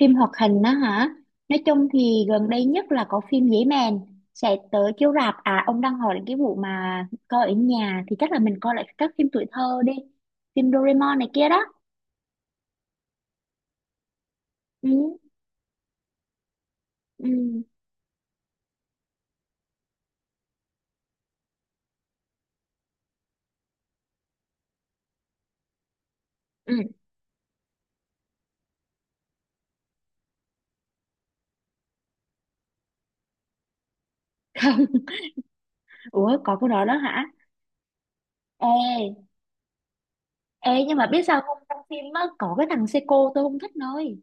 Phim hoạt hình á hả? Nói chung thì gần đây nhất là có phim Dế Mèn sẽ tới chiếu rạp. À, ông đang hỏi cái vụ mà coi ở nhà thì chắc là mình coi lại các phim tuổi thơ đi. Phim Doraemon này kia đó. Ừ, ừ, ừ. Không. Ủa, có cái đó đó hả? Ê, ê, nhưng mà biết sao không, trong phim á có cái thằng Seiko tôi không thích nơi.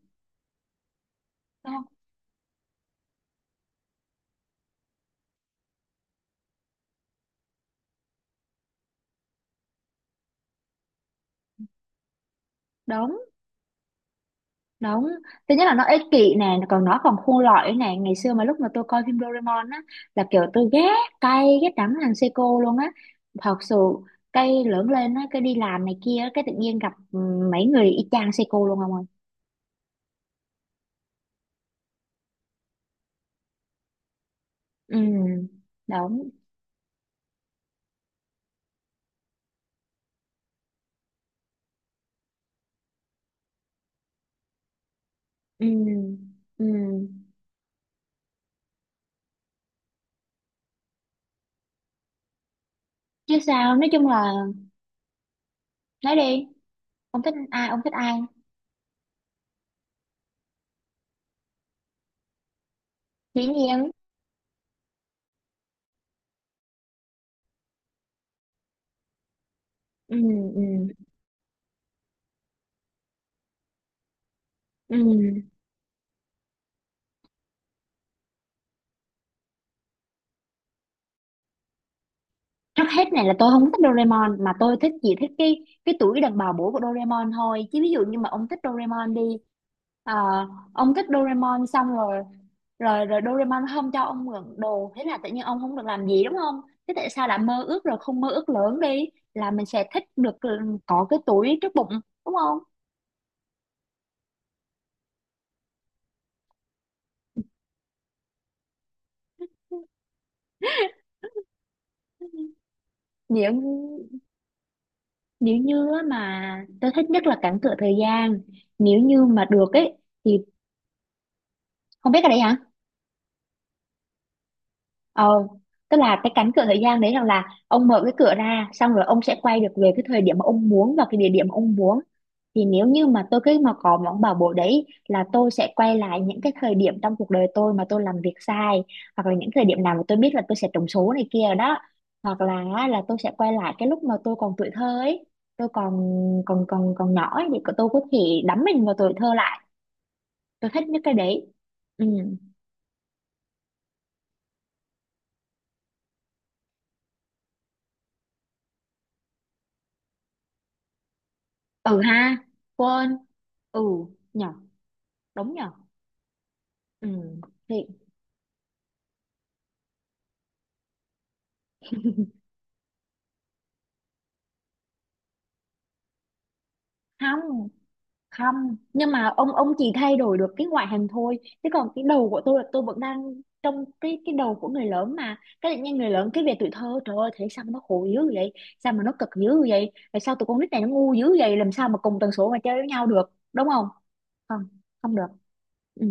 Không. Đúng. Đúng, thứ nhất là nó ích kỷ nè, còn nó còn khôn lỏi nè. Ngày xưa mà lúc mà tôi coi phim Doraemon á, là kiểu tôi ghét cay, ghét đắng thằng Seiko luôn á. Thật sự, cái lớn lên á, cái đi làm này kia, á, cái tự nhiên gặp mấy người y chang Seiko luôn không ơi. Ừ, đúng, ừ, ừ. Chứ sao, nói chung là, nói đi, ông thích ai, ông thích ai. Dĩ nhiên, ừ, ừ, ừ. Trước hết này là tôi không thích Doraemon mà tôi thích chỉ thích cái tuổi đàn bà bổ của Doraemon thôi, chứ ví dụ như mà ông thích Doraemon đi. ờ, ông thích Doraemon xong rồi, rồi Doraemon không cho ông mượn đồ, thế là tự nhiên ông không được làm gì đúng không? Thế tại sao lại mơ ước, rồi không mơ ước lớn đi là mình sẽ thích được có cái tuổi trước bụng, đúng không? Nếu nếu như á mà tôi thích nhất là cản cửa thời gian. Nếu như mà được ấy thì không biết cái đấy hả? Ờ, tức là cái cánh cửa thời gian đấy rằng là ông mở cái cửa ra xong rồi ông sẽ quay được về cái thời điểm mà ông muốn và cái địa điểm mà ông muốn. Thì nếu như mà tôi cứ mà có món bảo bối đấy là tôi sẽ quay lại những cái thời điểm trong cuộc đời tôi mà tôi làm việc sai, hoặc là những thời điểm nào mà tôi biết là tôi sẽ trúng số này kia đó, hoặc là á, là tôi sẽ quay lại cái lúc mà tôi còn tuổi thơ ấy. Tôi còn còn còn còn nhỏ ấy thì tôi có thể đắm mình vào tuổi thơ lại. Tôi thích nhất cái đấy. Ừ, ừ ha. Quên. Ừ nhở. Đúng nhở. Ừ, thì không. Không, nhưng mà ông chỉ thay đổi được cái ngoại hình thôi, chứ còn cái đầu của tôi là tôi vẫn đang trong cái đầu của người lớn, mà cái tự nhiên người lớn cái về tuổi thơ, trời ơi, thấy sao mà nó khổ dữ vậy, sao mà nó cực dữ vậy, tại sao tụi con nít này nó ngu dữ vậy, làm sao mà cùng tần số mà chơi với nhau được đúng không? Không, không được. Ừ.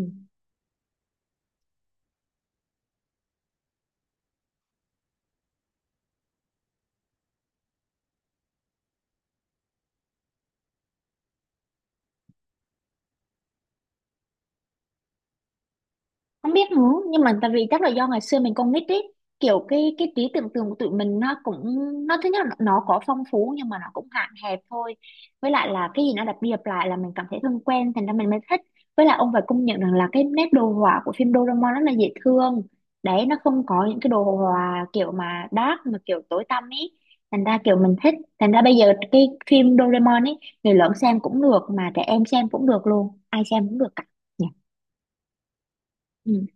Không biết nữa, nhưng mà tại vì chắc là do ngày xưa mình còn nít ý, kiểu cái trí tưởng tượng của tụi mình nó cũng, nó thứ nhất là nó có phong phú nhưng mà nó cũng hạn hẹp thôi. Với lại là cái gì nó lặp đi lặp lại là mình cảm thấy thân quen, thành ra mình mới thích. Với lại ông phải công nhận rằng là cái nét đồ họa của phim Doraemon rất là dễ thương đấy, nó không có những cái đồ họa kiểu mà dark mà kiểu tối tăm ý. Thành ra kiểu mình thích, thành ra bây giờ cái phim Doraemon ấy người lớn xem cũng được mà trẻ em xem cũng được, luôn ai xem cũng được cả nhỉ. Ừ.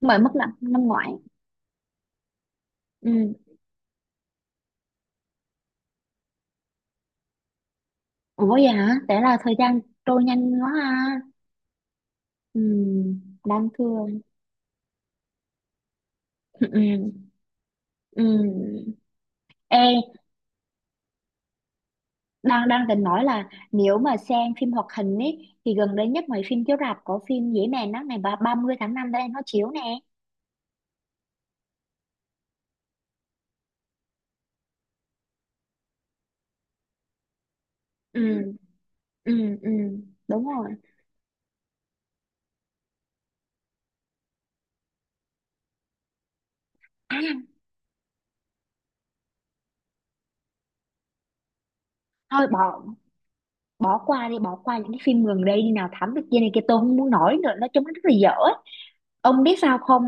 Mới mất năm năm ngoái. Ừ. Ủa vậy hả, thế là thời gian trôi nhanh quá ha. Ừ. Đáng thương. Ừ. Ừ. Ê, đang đang định nói là nếu mà xem phim hoạt hình ấy thì gần đây nhất mấy phim chiếu rạp có phim Dế Mèn á, ngày 30 tháng 5 đây nó chiếu nè. Ừ. Ừ. Ừ. Đúng rồi. À thôi, bỏ, bỏ qua đi bỏ qua những cái phim gần đây đi, nào thám tử kia này kia, tôi không muốn nói nữa, nói chung nó rất là dở. Ông biết sao không?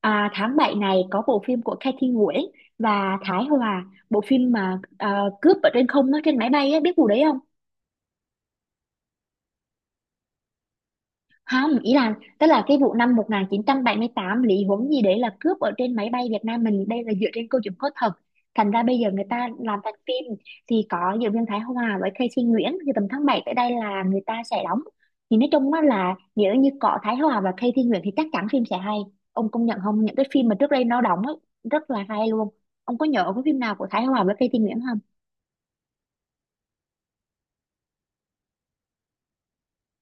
À, tháng 7 này có bộ phim của Kathy Nguyễn và Thái Hòa, bộ phim mà à, cướp ở trên không, nó trên máy bay á, biết vụ đấy không? Ý là tức là cái vụ năm một nghìn chín trăm bảy mươi tám, Lý Huống gì đấy là cướp ở trên máy bay Việt Nam mình, đây là dựa trên câu chuyện có thật, thành ra bây giờ người ta làm thành phim. Thì có diễn viên Thái Hòa với Casey Nguyễn, thì tầm tháng 7 tới đây là người ta sẽ đóng. Thì nói chung á là nếu như có Thái Hòa và Casey Nguyễn thì chắc chắn phim sẽ hay. Ông công nhận không, những cái phim mà trước đây nó đóng ấy, rất là hay luôn. Ông có nhớ cái phim nào của Thái Hòa với Casey Nguyễn không?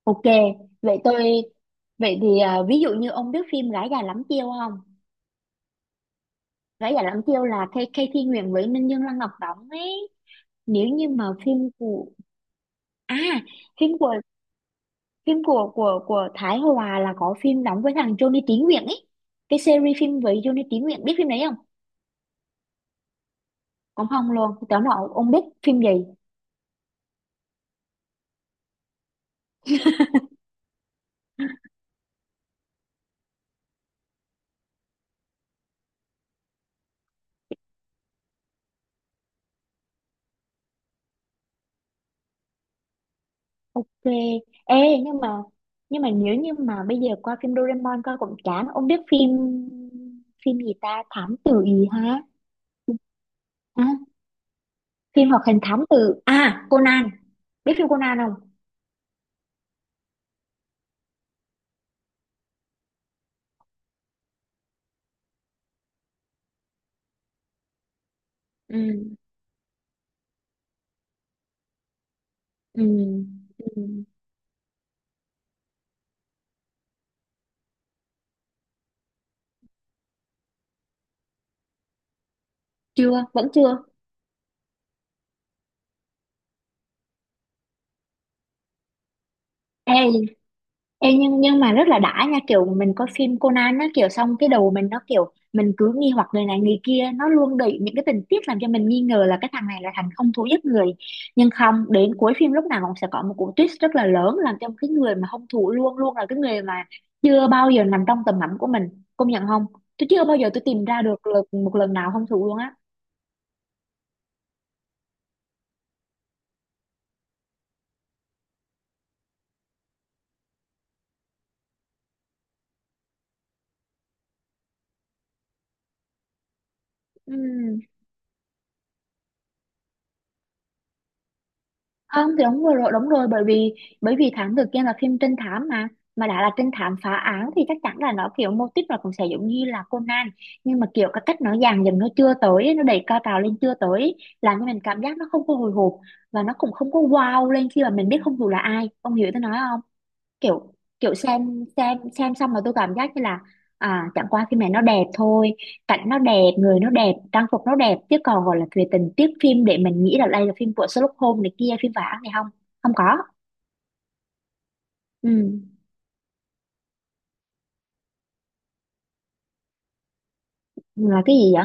Ok, vậy tôi, vậy thì à, ví dụ như ông biết phim Gái Già Lắm Chiêu không? Rã Dạ Lãm Tiêu là Kay Thi Nguyễn với Ninh Dương Lăng Ngọc đóng ấy. Nếu như mà phim của, à phim của, phim của Thái Hòa là có phim đóng với thằng Johnny Tí Nguyện ấy. Cái series phim với Johnny Tí Nguyện, biết phim đấy không? Cũng không luôn. Tưởng là ông biết phim gì. Ok. Ê, nhưng mà, nhưng mà nếu như mà bây giờ qua phim Doraemon coi cũng chán. Ông biết phim, phim gì ta? Thám tử gì hả? À, phim hoạt hình thám tử à Conan. Biết phim Conan không? Ừ. Ừ, ừ, chưa vẫn chưa. Ê, ê nhưng mà rất là đã nha, kiểu mình coi phim Conan á, kiểu xong cái đầu mình nó kiểu mình cứ nghi hoặc người này người kia, nó luôn đẩy những cái tình tiết làm cho mình nghi ngờ là cái thằng này là thằng không thú giết người, nhưng không, đến cuối phim lúc nào cũng sẽ có một cú twist rất là lớn làm cho cái người mà hung thủ luôn luôn là cái người mà chưa bao giờ nằm trong tầm ngắm của mình, công nhận không? Tôi chưa bao giờ tôi tìm ra được, được một lần nào hung thủ luôn á. Ừ. Không, thì đúng rồi, rồi, đúng rồi, bởi vì thám tử kia là phim trinh thám mà đã là trinh thám phá án thì chắc chắn là nó kiểu mô típ nó cũng sẽ giống như là Conan. Nhưng mà kiểu cái cách nó dàn dựng nó chưa tới ấy, nó đẩy cao trào lên chưa tới ấy, làm cho mình cảm giác nó không có hồi hộp và nó cũng không có wow lên khi mà mình biết hung thủ là ai, ông hiểu tôi nói không? Kiểu, kiểu xem xong mà tôi cảm giác như là à, chẳng qua phim này nó đẹp thôi, cảnh nó đẹp, người nó đẹp, trang phục nó đẹp, chứ còn gọi là về tình tiết phim để mình nghĩ là đây là phim của Sherlock Holmes này kia, phim vả này, không, không có. Ừ là cái gì vậy?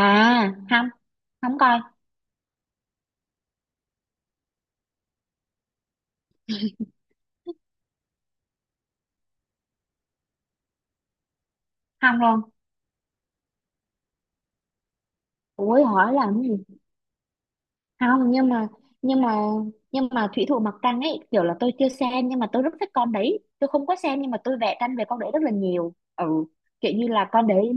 À không, không coi. Không luôn. Ủa hỏi là cái gì? Không, nhưng mà, nhưng mà nhưng mà thủy thủ mặt trăng ấy, kiểu là tôi chưa xem nhưng mà tôi rất thích con đấy. Tôi không có xem nhưng mà tôi vẽ tranh về con đấy rất là nhiều. Ừ, kiểu như là con đấy,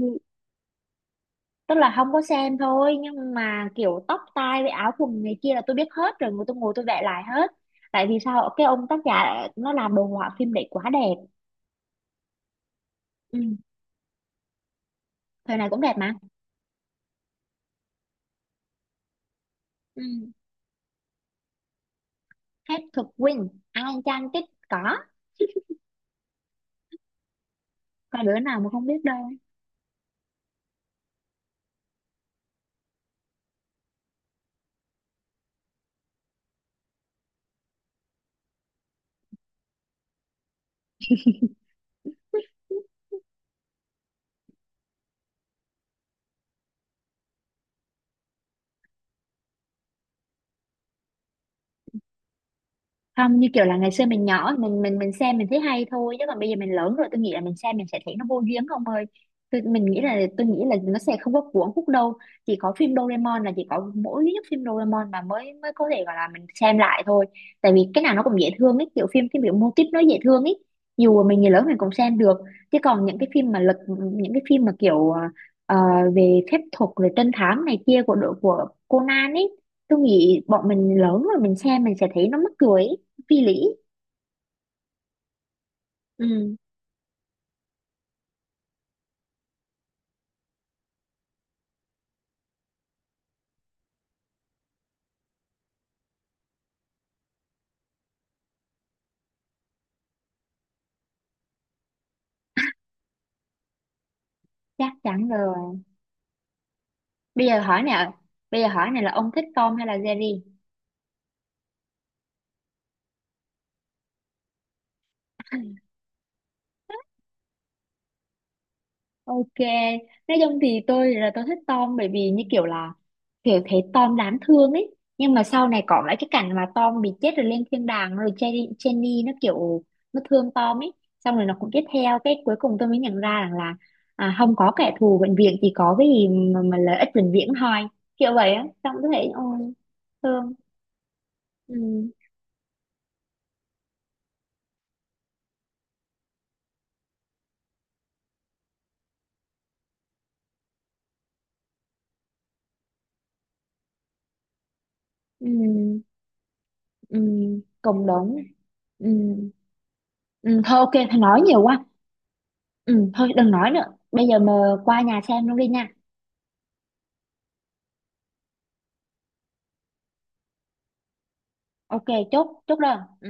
tức là không có xem thôi nhưng mà kiểu tóc tai với áo quần này kia là tôi biết hết rồi, tôi ngồi tôi vẽ lại hết. Tại vì sao cái ông tác giả nó làm đồ họa phim đấy quá đẹp. Ừ. Thời này cũng đẹp mà. Ừ. Hết thực Win Ai Chan Tích có. Có đứa nào mà không biết đâu. Không, như kiểu là ngày xưa mình nhỏ, mình xem mình thấy hay thôi, chứ còn bây giờ mình lớn rồi, tôi nghĩ là mình xem mình sẽ thấy nó vô duyên không ơi. Tôi mình nghĩ là, nó sẽ không có cuốn hút đâu. Chỉ có phim Doraemon là, chỉ có mỗi duy nhất phim Doraemon mà mới mới có thể gọi là mình xem lại thôi. Tại vì cái nào nó cũng dễ thương ấy, kiểu phim cái kiểu mô típ nó dễ thương ấy, dù mà mình người lớn mình cũng xem được. Chứ còn những cái phim mà lật, những cái phim mà kiểu ờ, về phép thuật rồi trinh thám này kia của đội của Conan ấy, tôi nghĩ bọn mình lớn rồi mình xem mình sẽ thấy nó mắc cười ý, phi lý. Ừ, chắc chắn rồi. bây giờ hỏi nào bây giờ hỏi này là ông thích Tom hay là Jerry? Ok, nói chung thì tôi là tôi thích Tom, bởi vì như kiểu là kiểu thấy Tom đáng thương ấy. Nhưng mà sau này có lại cái cảnh mà Tom bị chết rồi lên thiên đàng, rồi Jenny, Jenny nó kiểu nó thương Tom ấy, xong rồi nó cũng tiếp theo. Cái cuối cùng tôi mới nhận ra rằng là à, không có kẻ thù vĩnh viễn, chỉ có cái gì mà lợi ích vĩnh viễn thôi, kiểu vậy á. Xong tôi thấy ôi thương. Ừ. Ừ. Ừ, cộng đồng. Ừ, ừ, thôi ok, thôi nói nhiều quá. Ừ, thôi đừng nói nữa. Bây giờ mà qua nhà xem luôn đi nha. Ok, chốt, chốt đơn. Ừ.